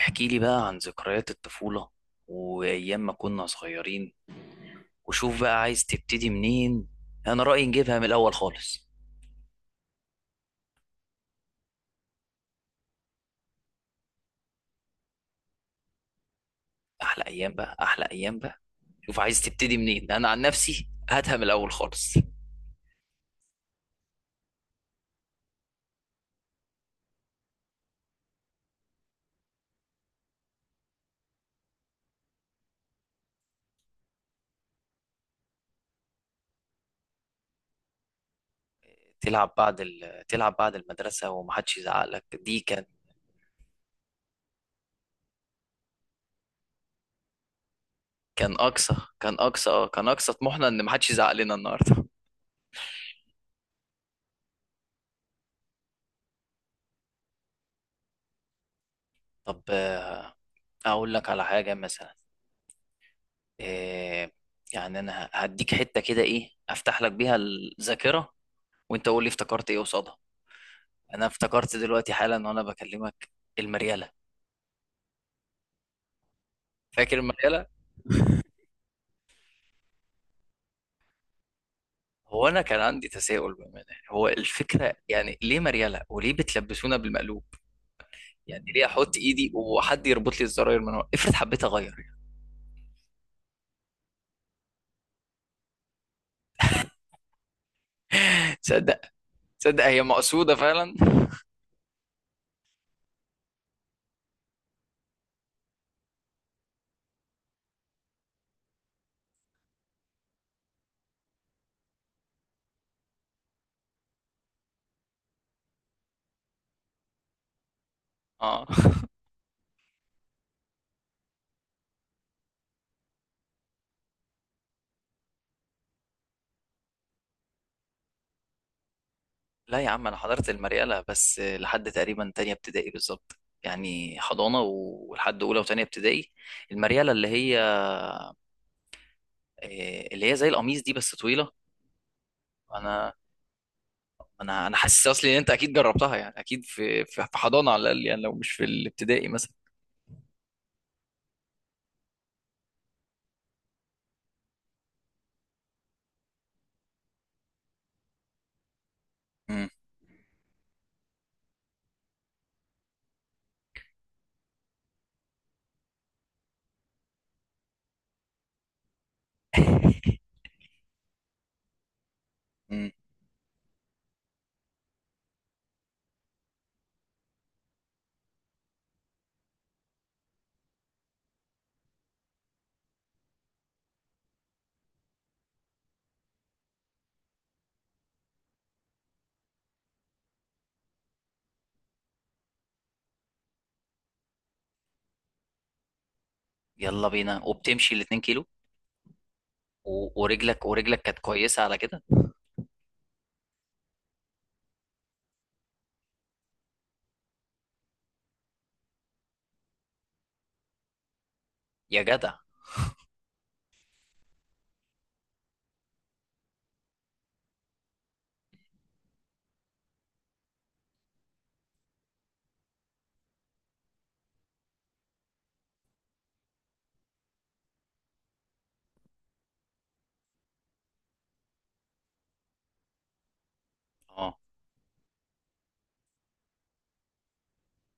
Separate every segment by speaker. Speaker 1: احكي لي بقى عن ذكريات الطفولة وأيام ما كنا صغيرين، وشوف بقى عايز تبتدي منين. أنا رأيي نجيبها من الأول خالص. أحلى أيام بقى، أحلى أيام بقى. شوف عايز تبتدي منين، أنا عن نفسي هاتها من الأول خالص. تلعب بعد المدرسة ومحدش يزعق لك، دي كان كان أقصى كان أقصى آه، كان أقصى طموحنا إن محدش يزعق لنا النهاردة. طب أقول لك على حاجة مثلا. آه، يعني أنا هديك حتة كده إيه أفتح لك بيها الذاكرة، وانت قول لي افتكرت ايه قصادها. انا افتكرت دلوقتي حالا وانا بكلمك، المريالة. فاكر المريالة؟ هو انا كان عندي تساؤل بامانه، يعني هو الفكره يعني ليه مريالة وليه بتلبسونا بالمقلوب؟ يعني ليه احط ايدي وحد يربط لي الزراير من ورا؟ افرض حبيت اغير يعني. تصدق، تصدق هي مقصوده فعلا؟ اه. لا يا عم انا حضرت المريالة بس لحد تقريبا تانية ابتدائي بالظبط، يعني حضانة ولحد أولى وتانية ابتدائي. المريالة اللي هي اللي هي زي القميص دي بس طويلة. أنا انا انا حاسس اصلي ان انت اكيد جربتها، يعني اكيد في حضانه على الاقل، يعني لو مش في الابتدائي مثلا. مم. مم. يلا بينا وبتمشي 2 كيلو. ورجلك ورجلك كانت كويسه على كده؟ يا جدع. اه،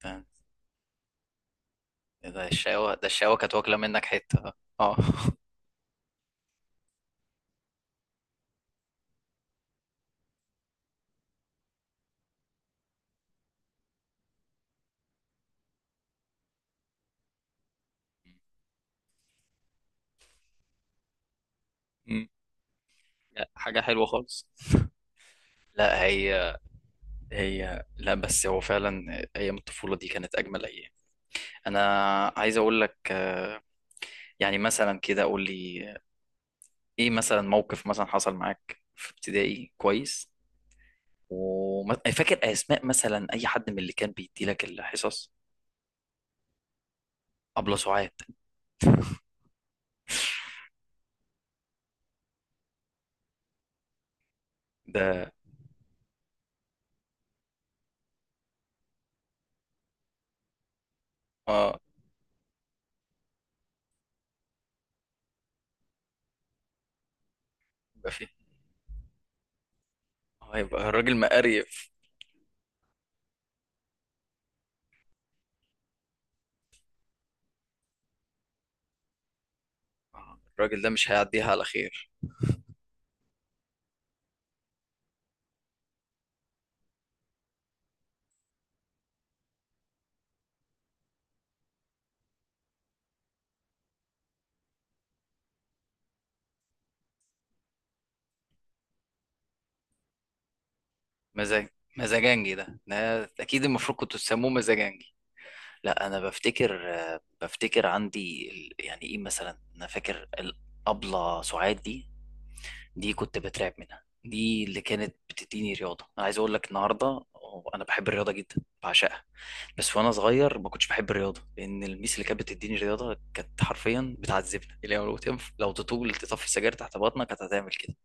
Speaker 1: تمام. ده الشقاوه، ده الشقاوه كانت واكله منك حته. اه. مم. لا، حاجه حلوه خالص. لا هي، هي لا بس هو فعلا ايام الطفوله دي كانت اجمل ايام. انا عايز اقول لك يعني مثلا كده قول لي ايه مثلا موقف مثلا حصل معاك في ابتدائي كويس، وفاكر اسماء مثلا اي حد من اللي كان بيدي لك الحصص؟ ابله سعاد؟ ده اه، يبقى فيه. اه يبقى الراجل مقريف. الراجل ده مش هيعديها على خير. مزاج، مزاجنجي ده، ده اكيد المفروض كنتوا تسموه مزاجنجي. لا انا بفتكر، بفتكر عندي يعني ايه مثلا. انا فاكر الابله سعاد دي، دي كنت بترعب منها، دي اللي كانت بتديني رياضه. انا عايز اقول لك النهارده، انا بحب الرياضه جدا، بعشقها. بس وانا صغير ما كنتش بحب الرياضه لان الميس اللي كانت بتديني رياضه كانت حرفيا بتعذبنا. اللي هو لو تطول تطفي السجاير تحت بطنك كانت هتعمل كده.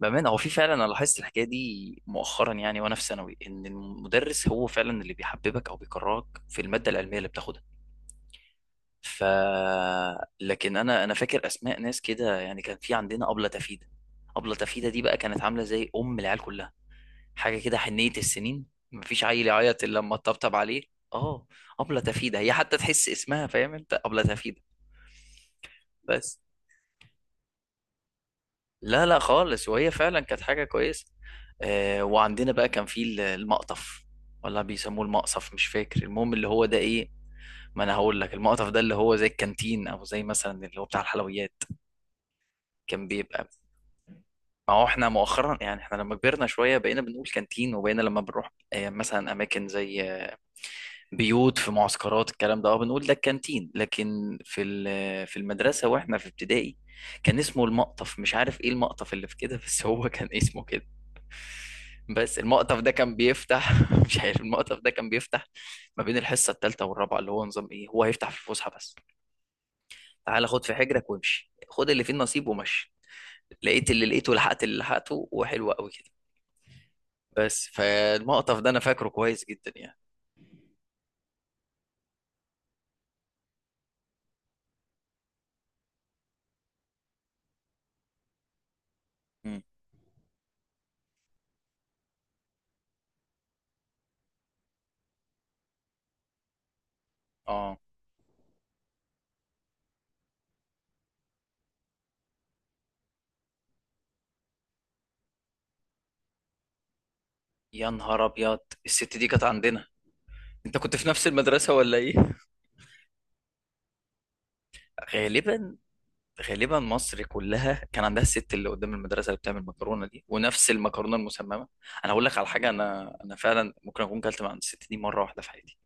Speaker 1: بأمانة هو في فعلا، أنا لاحظت الحكاية دي مؤخرا يعني وأنا في ثانوي، إن المدرس هو فعلا اللي بيحببك أو بيكرهك في المادة العلمية اللي بتاخدها. ف لكن انا فاكر اسماء ناس كده، يعني كان في عندنا ابله تفيده. ابله تفيده دي بقى كانت عامله زي ام العيال كلها، حاجه كده حنيه السنين، مفيش عيل يعيط الا لما تطبطب عليه. اه. ابله تفيده هي حتى تحس اسمها، فاهم انت؟ ابله تفيده. بس لا لا خالص، وهي فعلا كانت حاجه كويسه. آه، وعندنا بقى كان في المقطف، ولا بيسموه المقصف؟ مش فاكر. المهم اللي هو ده ايه. ما انا هقول لك، المقطف ده اللي هو زي الكانتين، او زي مثلا اللي هو بتاع الحلويات. كان بيبقى، ما هو احنا مؤخرا يعني احنا لما كبرنا شوية بقينا بنقول كانتين، وبقينا لما بنروح مثلا أماكن زي بيوت في معسكرات الكلام ده اه بنقول ده الكانتين. لكن في المدرسة واحنا في ابتدائي كان اسمه المقطف. مش عارف ايه المقطف اللي في كده، بس هو كان اسمه كده. بس المقطف ده كان بيفتح مش عارف المقطف ده كان بيفتح ما بين الحصة الثالثة والرابعة. اللي هو نظام ايه، هو هيفتح في الفسحة بس. تعالى خد في حجرك وامشي، خد اللي فيه النصيب ومشي. لقيت اللي لقيته، لحقت اللي لحقته، وحلو قوي كده. بس فالمقطف ده انا فاكره كويس جدا يعني. مم. اه، يا نهار ابيض. الست دي كانت عندنا؟ انت كنت في نفس المدرسه ولا ايه؟ غالبا، غالبا مصر كلها كان عندها الست اللي قدام المدرسه اللي بتعمل مكرونه دي، ونفس المكرونه المسممه. انا هقول لك على حاجه، انا فعلا ممكن اكون كلت من عند الست دي مره واحده في حياتي.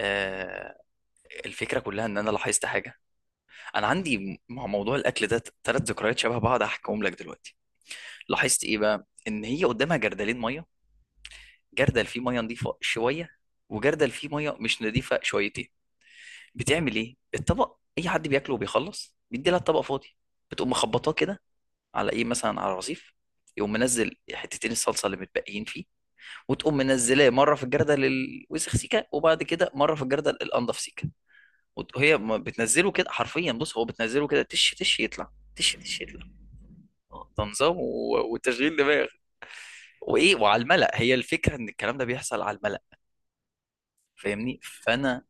Speaker 1: آه. الفكره كلها ان انا لاحظت حاجه. انا عندي مع موضوع الاكل ده 3 ذكريات شبه بعض، هحكيهم لك دلوقتي. لاحظت ايه بقى؟ ان هي قدامها جردلين ميه: جردل فيه ميه نظيفه شويه، وجردل فيه ميه مش نظيفه شويتين. بتعمل ايه؟ الطبق اي حد بياكله وبيخلص بيدي لها الطبق فاضي، بتقوم مخبطاه كده على ايه مثلا، على الرصيف، يقوم منزل حتتين الصلصه اللي متبقيين فيه، وتقوم منزلاه مره في الجردل الوسخ سيكه، وبعد كده مره في الجردل الانضف سيكه. وهي ما بتنزله كده حرفيا، بص هو بتنزله كده تش تش يطلع، تش تش يطلع. ده نظام وتشغيل دماغ. وايه، وعلى الملأ، هي الفكره ان الكلام ده بيحصل على الملأ. فاهمني؟ فانا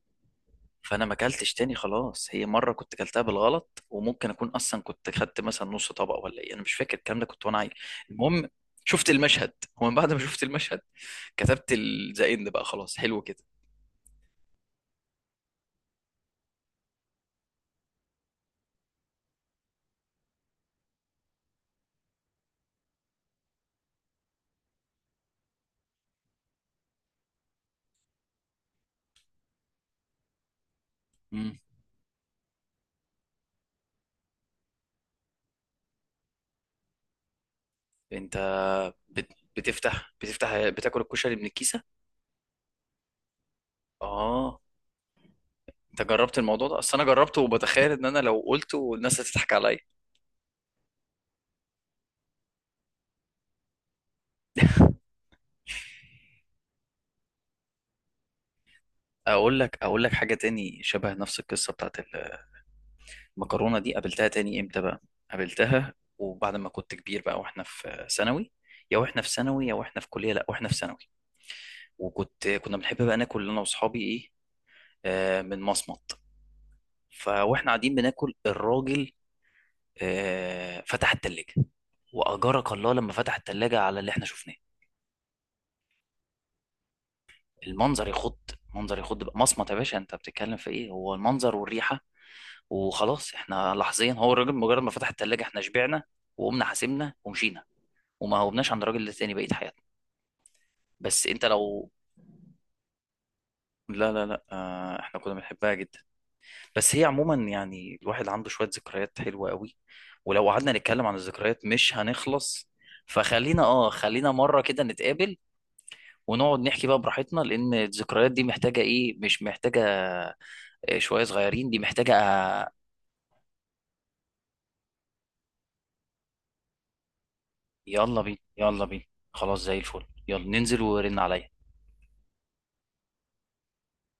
Speaker 1: فانا ما اكلتش تاني خلاص. هي مره كنت اكلتها بالغلط، وممكن اكون اصلا كنت خدت مثلا نص طبق ولا ايه، انا مش فاكر الكلام ده، كنت وانا عيل. المهم شفت المشهد، ومن بعد ما شفت المشهد كتبت ذا اند بقى، خلاص حلو كده. مم. انت بتفتح بتاكل الكشري من الكيسه؟ اه. انت جربت الموضوع ده؟ اصل انا جربته، وبتخيل ان انا لو قلته الناس هتضحك عليا. اقول لك حاجه تاني شبه نفس القصه بتاعت المكرونه دي. قابلتها تاني امتى بقى؟ قابلتها وبعد ما كنت كبير بقى واحنا في ثانوي. يا واحنا في ثانوي يا واحنا في كليه لا واحنا في ثانوي وكنت، كنا بنحب بقى ناكل انا واصحابي ايه، من مصمت. فواحنا قاعدين بناكل، الراجل فتح التلاجه، واجرك الله لما فتح التلاجه على اللي احنا شفناه. المنظر يخض، منظر يخض بقى. مصمت يا باشا، انت بتتكلم في ايه؟ هو المنظر والريحه. وخلاص احنا لحظيا، هو الراجل مجرد ما فتح التلاجه احنا شبعنا وقمنا حاسبنا ومشينا، وما هوبناش عند الراجل التاني بقية حياتنا. بس انت لو، لا لا لا، آه احنا كنا بنحبها جدا. بس هي عموما يعني الواحد عنده شوية ذكريات حلوة قوي، ولو قعدنا نتكلم عن الذكريات مش هنخلص. فخلينا اه، خلينا مرة كده نتقابل ونقعد نحكي بقى براحتنا، لأن الذكريات دي محتاجة ايه، مش محتاجة شوية صغيرين، دي محتاجة آه. يلا بينا، يلا بينا. خلاص زي الفل، يلا ننزل ورن عليا.